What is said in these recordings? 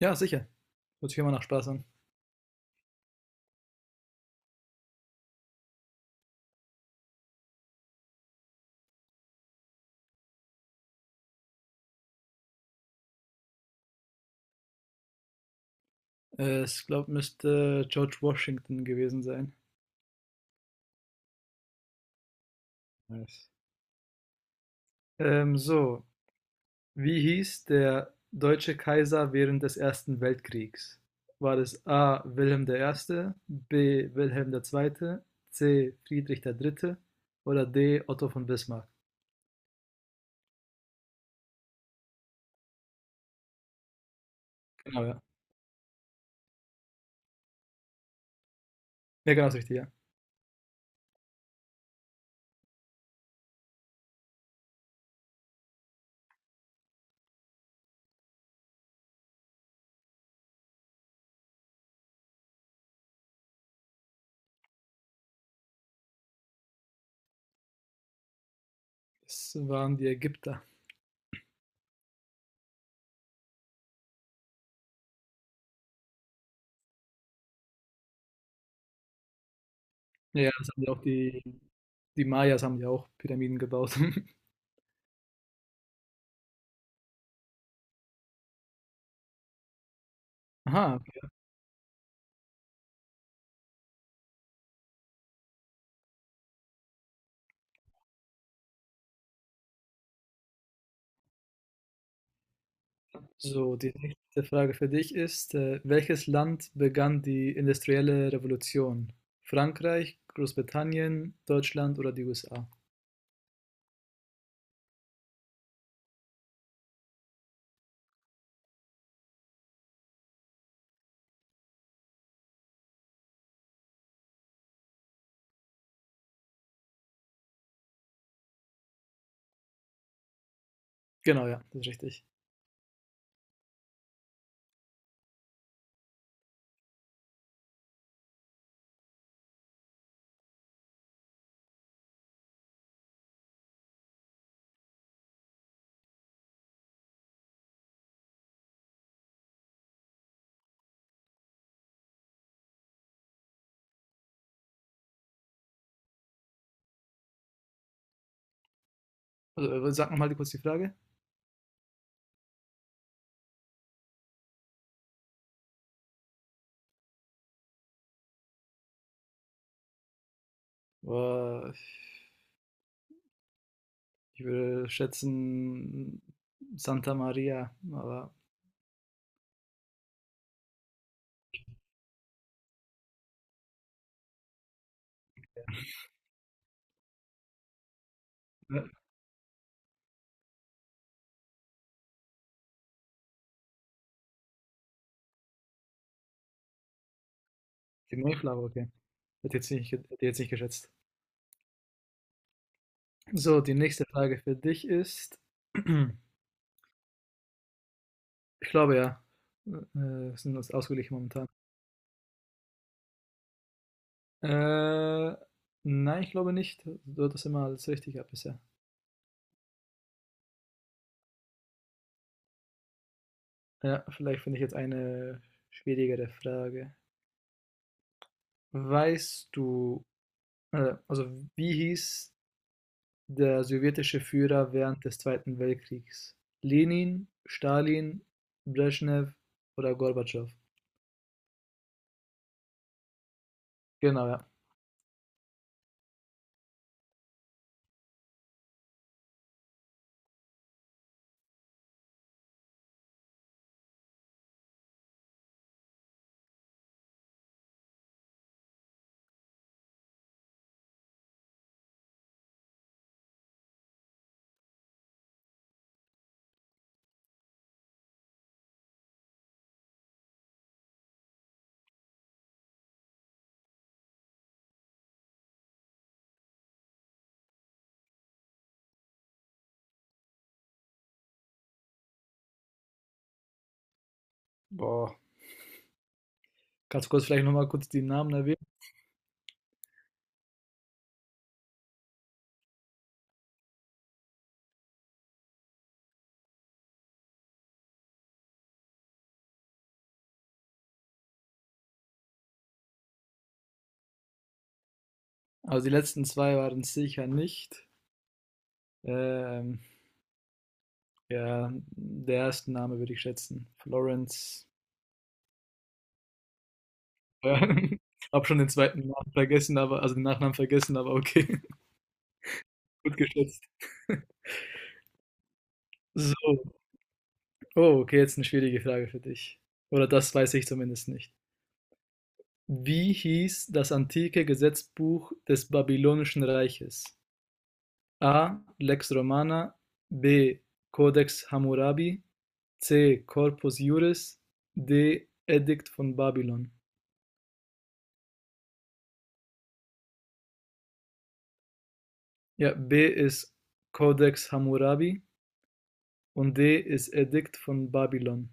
Ja, sicher. Hört sich immer nach Spaß an. Ich glaube, müsste George Washington gewesen sein. Nice. Ähm, so, wie hieß der deutsche Kaiser während des Ersten Weltkriegs? War es A. Wilhelm der Erste, B. Wilhelm der Zweite, C. Friedrich der Dritte oder D. Otto von Bismarck? Genau, ja. Ja, genau, das Richtige, ja. Das waren die Ägypter. Ja, ja, das haben ja auch die Mayas haben ja auch Pyramiden gebaut. Aha, okay. So, die nächste Frage für dich ist, welches Land begann die industrielle Revolution? Frankreich, Großbritannien, Deutschland oder die USA? Genau, ja, das ist richtig. Also, sag nochmal kurz die Frage. Boah, ich würde schätzen Santa Maria, aber äh, die Mayflower, okay. Hätte jetzt nicht geschätzt. So, die nächste Frage für dich ist, ich glaube ja, wir sind uns ausgeglichen momentan. Äh, nein, ich glaube nicht. Du hattest immer alles richtig gehabt bisher. Ja, vielleicht finde ich jetzt eine schwierigere Frage. Weißt du, äh, also wie hieß der sowjetische Führer während des Zweiten Weltkriegs? Lenin, Stalin, Brezhnev oder Gorbatschow? Genau, ja. Boah. Kannst du kurz vielleicht nochmal kurz die Namen? Aber die letzten zwei waren sicher nicht. Ähm, ja, der erste Name würde ich schätzen. Florence. Ja, hab schon den zweiten Namen vergessen, aber also den Nachnamen vergessen, aber okay, gut geschätzt. So, oh, okay, jetzt eine schwierige Frage für dich. Oder das weiß ich zumindest nicht. Wie hieß das antike Gesetzbuch des Babylonischen Reiches? A. Lex Romana, B. Codex Hammurabi, C. Corpus Juris, D. Edikt von Babylon. Ja, B ist Codex Hammurabi und D ist Edikt von Babylon.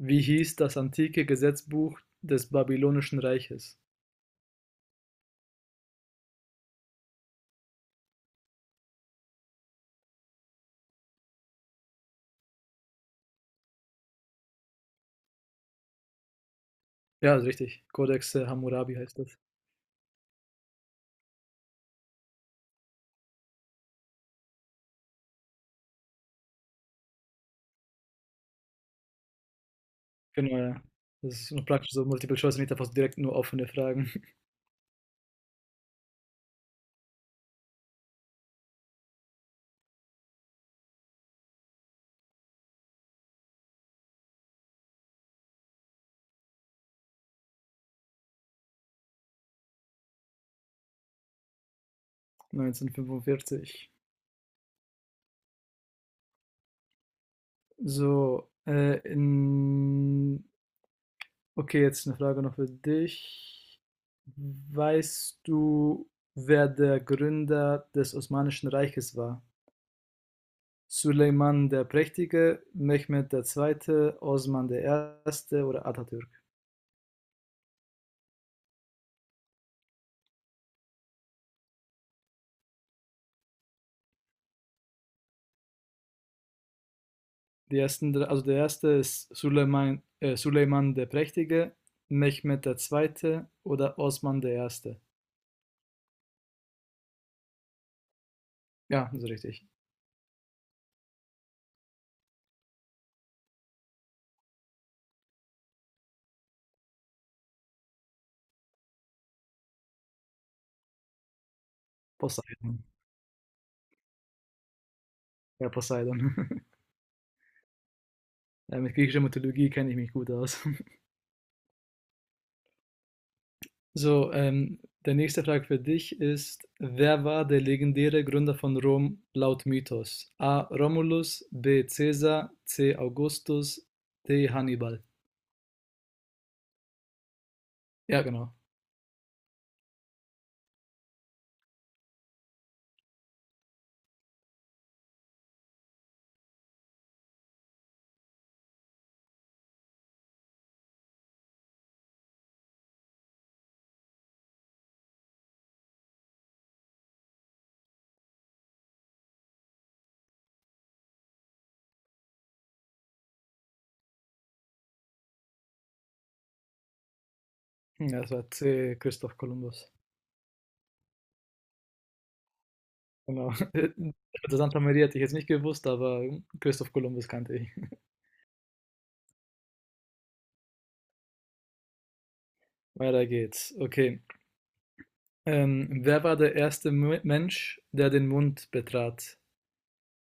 Wie hieß das antike Gesetzbuch des Babylonischen Reiches? Ja, ist richtig. Codex Hammurabi heißt das. Genau, ja. Das ist noch praktisch so Multiple Choice, nicht einfach so direkt nur offene Fragen. 1945. So, in okay, jetzt eine Frage noch für dich. Weißt du, wer der Gründer des Osmanischen Reiches war? Suleiman der Prächtige, Mehmed der Zweite, Osman der Erste oder Atatürk? Die ersten, drei- also der erste ist Suleiman, Suleiman der Prächtige, Mehmed der Zweite oder Osman der Erste. Ja, das ist richtig. Poseidon. Ja, Poseidon. Ja, mit griechischer Mythologie kenne ich mich gut aus. So, der nächste Frage für dich ist, wer war der legendäre Gründer von Rom laut Mythos? A. Romulus, B. Caesar, C. Augustus, D. Hannibal. Ja, genau. Hm, ja, das war C. Christoph Kolumbus. Genau. Also Santa Maria hätte ich jetzt nicht gewusst, aber Christoph Kolumbus kannte ich. Weiter geht's. Okay. Wer war der erste Mensch, der den Mond betrat?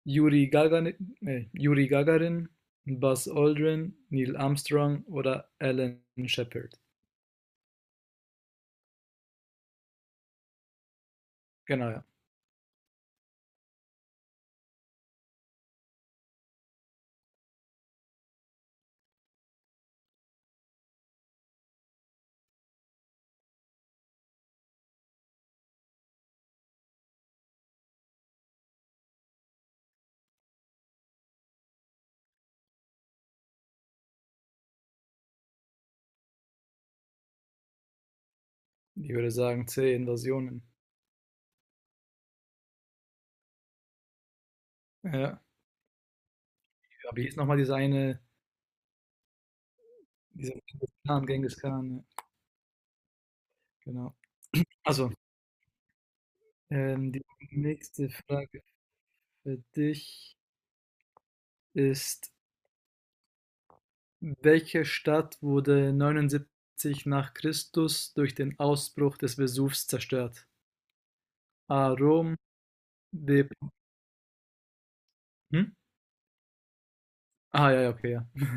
Juri Gagarin, Buzz Aldrin, Neil Armstrong oder Alan Shepard. Genau, ja. Ich würde sagen C, Invasionen. Ja. Ja, aber hier ist nochmal diese eine, dieser Khan, Genghis Khan, ja. Genau. Also, die nächste Frage für dich ist, welche Stadt wurde 79 nach Christus durch den Ausbruch des Vesuvs zerstört? A. Rom, B. Hm? Ah, ja, ja, okay, ja.